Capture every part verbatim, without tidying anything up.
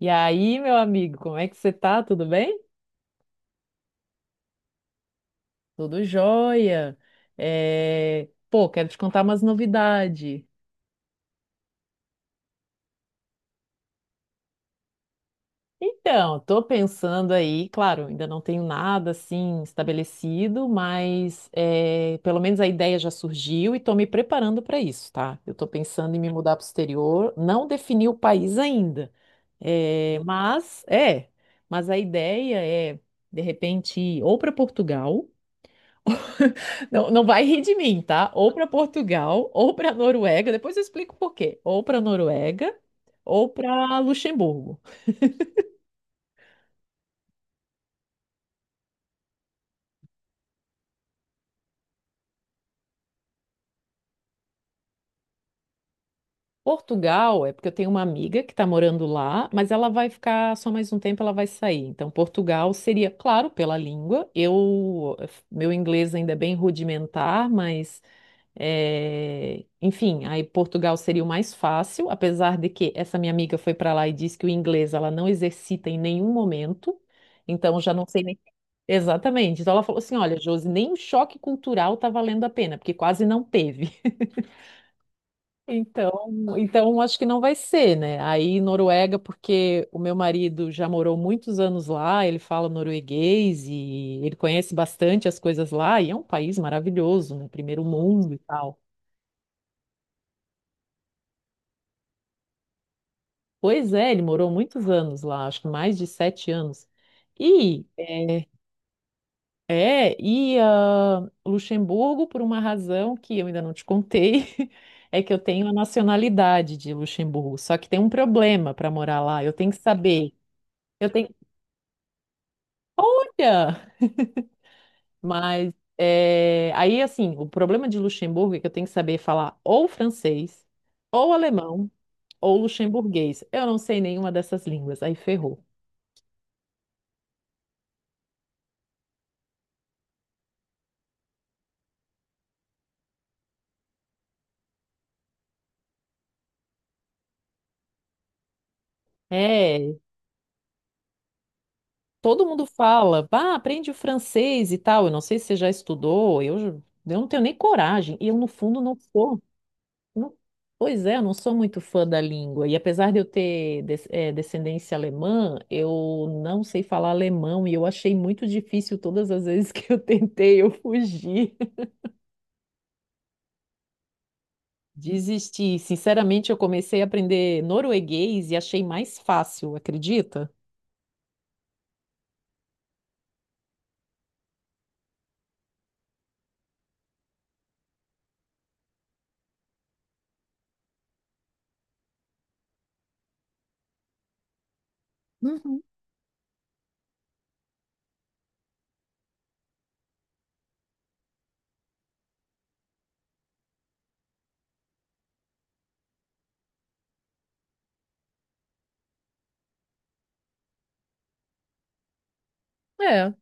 E aí, meu amigo, como é que você tá? Tudo bem? Tudo jóia. É, Pô, quero te contar umas novidades. Então, tô pensando aí, claro, ainda não tenho nada assim estabelecido, mas é, pelo menos a ideia já surgiu e tô me preparando para isso, tá? Eu tô pensando em me mudar para o exterior, não defini o país ainda, é, mas é, mas a ideia é de repente ir ou para Portugal. Não, não vai rir de mim, tá? Ou para Portugal, ou para Noruega. Depois eu explico por quê. Ou para Noruega, ou para Luxemburgo. Portugal é porque eu tenho uma amiga que está morando lá, mas ela vai ficar só mais um tempo, ela vai sair. Então, Portugal seria, claro, pela língua. Eu, meu inglês ainda é bem rudimentar, mas É, Enfim, aí Portugal seria o mais fácil, apesar de que essa minha amiga foi para lá e disse que o inglês ela não exercita em nenhum momento, então já não sei nem. Exatamente. Então ela falou assim: olha, Josi, nem o choque cultural tá valendo a pena, porque quase não teve. Então, então acho que não vai ser, né? Aí Noruega, porque o meu marido já morou muitos anos lá, ele fala norueguês e ele conhece bastante as coisas lá, e é um país maravilhoso, né? Primeiro mundo e tal. Pois é, ele morou muitos anos lá, acho que mais de sete anos. E é, é, e ah, Luxemburgo, por uma razão que eu ainda não te contei, é que eu tenho a nacionalidade de Luxemburgo. Só que tem um problema para morar lá. Eu tenho que saber. Eu tenho. Olha! Mas é, aí, assim, o problema de Luxemburgo é que eu tenho que saber falar ou francês, ou alemão, ou luxemburguês. Eu não sei nenhuma dessas línguas. Aí ferrou. É, todo mundo fala, pá, aprende o francês e tal. Eu não sei se você já estudou, eu, ju- eu não tenho nem coragem. E eu, no fundo, não sou. não- Pois é, eu não sou muito fã da língua. E apesar de eu ter des- eh, descendência alemã, eu não sei falar alemão. E eu achei muito difícil todas as vezes que eu tentei, eu fugi. Desisti. Sinceramente, eu comecei a aprender norueguês e achei mais fácil, acredita? Uhum. É.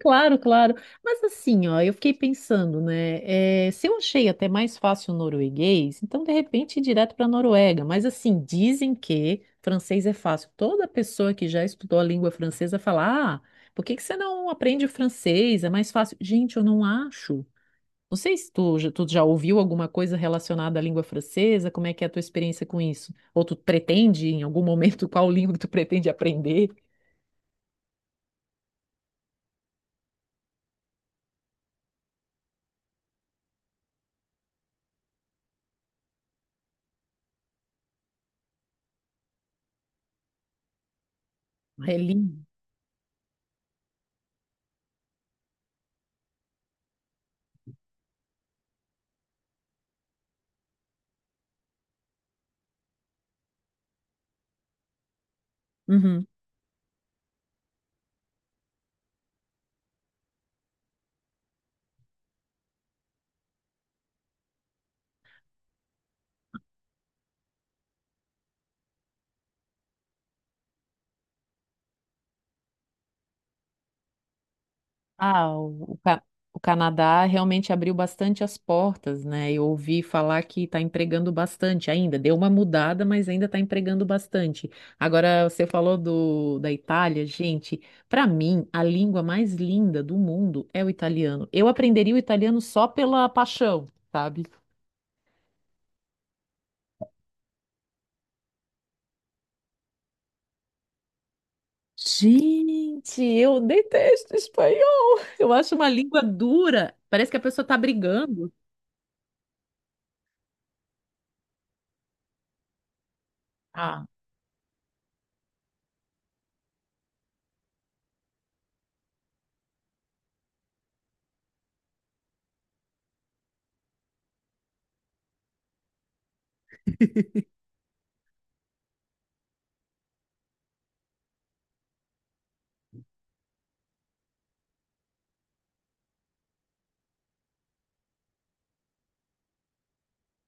Claro, claro. Mas assim, ó, eu fiquei pensando, né? Eh, se eu achei até mais fácil o norueguês, então de repente ir direto para a Noruega. Mas assim, dizem que francês é fácil. Toda pessoa que já estudou a língua francesa fala: ah, por que que você não aprende o francês? É mais fácil. Gente, eu não acho. Não sei se tu, já- tu já ouviu alguma coisa relacionada à língua francesa, como é que é a tua experiência com isso? Ou tu pretende, em algum momento, qual língua que tu pretende aprender? É lindo. Ah, o, o Ca- o Canadá realmente abriu bastante as portas, né? Eu ouvi falar que está empregando bastante ainda. Deu uma mudada, mas ainda está empregando bastante. Agora, você falou do, da Itália, gente. Para mim, a língua mais linda do mundo é o italiano. Eu aprenderia o italiano só pela paixão, sabe? Gente, eu detesto espanhol. Eu acho uma língua dura. Parece que a pessoa está brigando. Ah,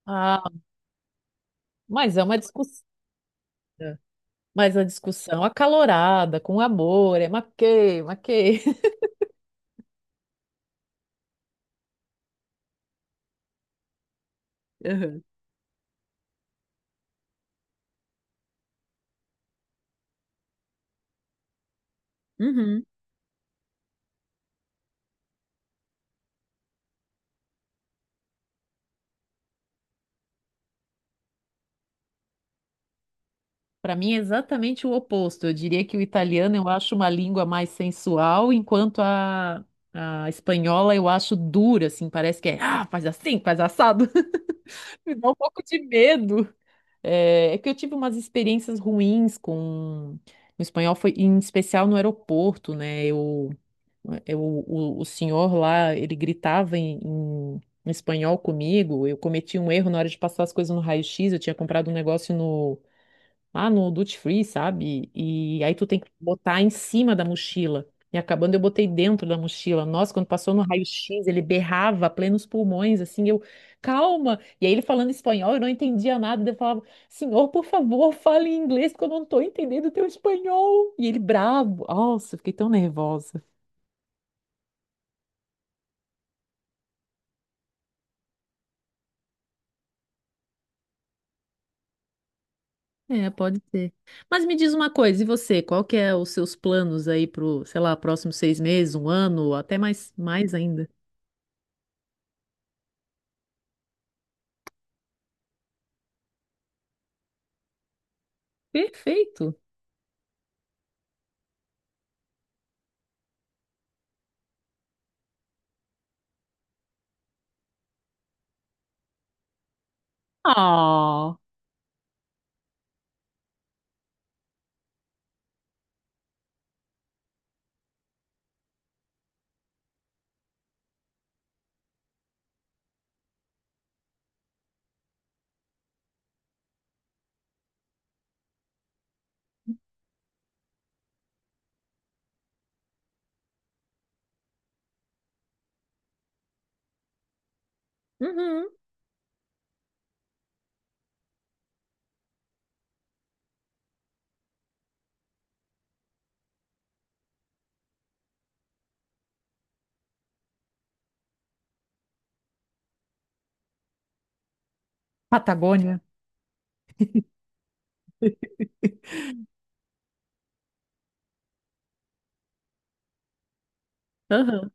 ah, mas é uma discussão. Mas a discussão acalorada, com amor, é maquei, maquei. Aham. Uhum. Para mim é exatamente o oposto. Eu diria que o italiano eu acho uma língua mais sensual, enquanto a, a espanhola eu acho dura, assim, parece que é, ah, faz assim, faz assado. Me dá um pouco de medo. É, é que eu tive umas experiências ruins com o espanhol, foi em especial no aeroporto, né? Eu Eu, o, o senhor lá, ele gritava em, em espanhol comigo. Eu cometi um erro na hora de passar as coisas no raio-x. Eu tinha comprado um negócio no, lá no Duty Free, sabe? E aí tu tem que botar em cima da mochila. E acabando, eu botei dentro da mochila. Nossa, quando passou no raio-x, ele berrava a plenos pulmões, assim, eu, calma! E aí ele falando espanhol, eu não entendia nada. Daí eu falava, senhor, por favor, fale em inglês, porque eu não tô entendendo o teu espanhol. E ele bravo. Nossa, eu fiquei tão nervosa. É, pode ser. Mas me diz uma coisa, e você, qual que é os seus planos aí pro, sei lá, próximos seis meses, um ano, ou até mais, mais ainda? Perfeito. Ah, uhum, aham.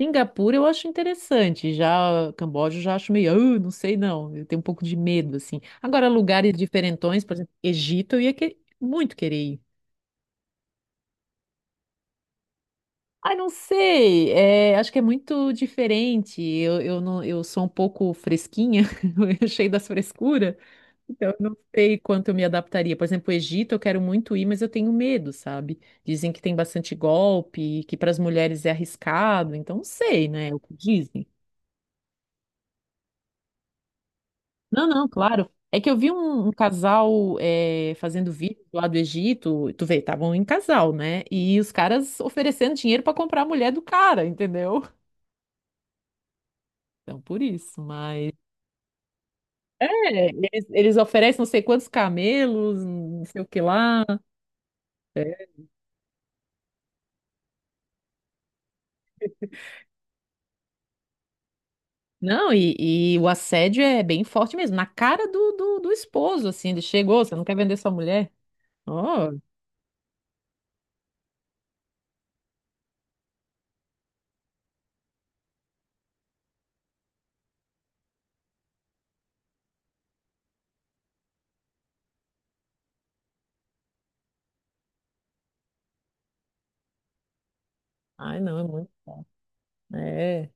Singapura eu acho interessante, já Camboja eu já acho meio, "Ah, não sei não, eu tenho um pouco de medo, assim. Agora, lugares diferentões, por exemplo, Egito, eu ia que- muito querer ir. Ai, não sei, é, acho que é muito diferente, eu, eu, não, eu sou um pouco fresquinha, eu cheio das frescuras. Então, eu não sei quanto eu me adaptaria. Por exemplo, o Egito eu quero muito ir, mas eu tenho medo, sabe? Dizem que tem bastante golpe, que para as mulheres é arriscado, então não sei, né? É o que dizem. Não, não, claro. É que eu vi um, um casal é, fazendo vídeo lá do Egito, tu vê, estavam em casal, né? E os caras oferecendo dinheiro para comprar a mulher do cara, entendeu? Então, por isso, mas. É, eles, eles oferecem não sei quantos camelos, não sei o que lá. Não, e, e o assédio é bem forte mesmo, na cara do, do, do esposo, assim, ele chegou, você não quer vender sua mulher? Oh, ai, não, é muito. É.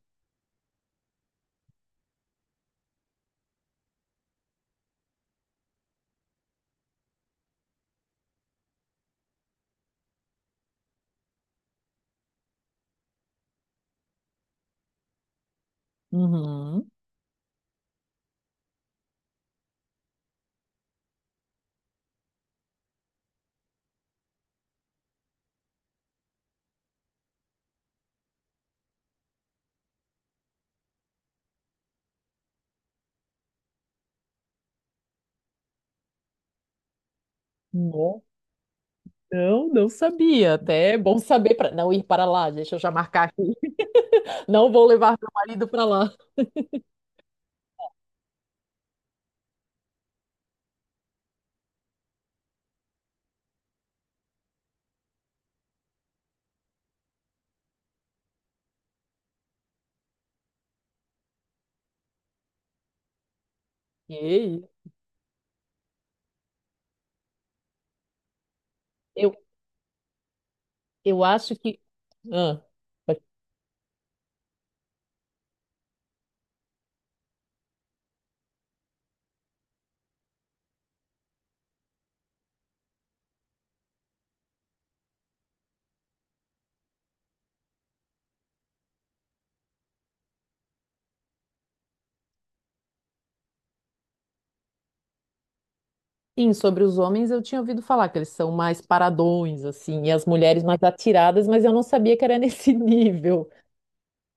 Uhum. Não, não, não sabia. Até é bom saber para não ir para lá, deixa eu já marcar aqui. Não vou levar meu marido para lá. Ei, Eu, eu acho que. Ah, sim, sobre os homens eu tinha ouvido falar que eles são mais paradões, assim, e as mulheres mais atiradas, mas eu não sabia que era nesse nível.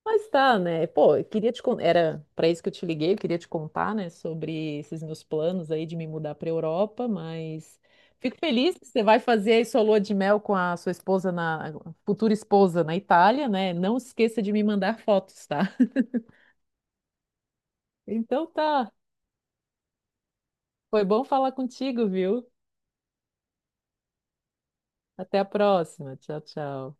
Mas tá, né? Pô, eu queria te con- era para isso que eu te liguei, eu queria te contar, né, sobre esses meus planos aí de me mudar para Europa, mas fico feliz que você vai fazer aí sua lua de mel com a sua esposa na futura esposa na Itália, né? Não esqueça de me mandar fotos, tá? Então tá. Foi bom falar contigo, viu? Até a próxima. Tchau, tchau.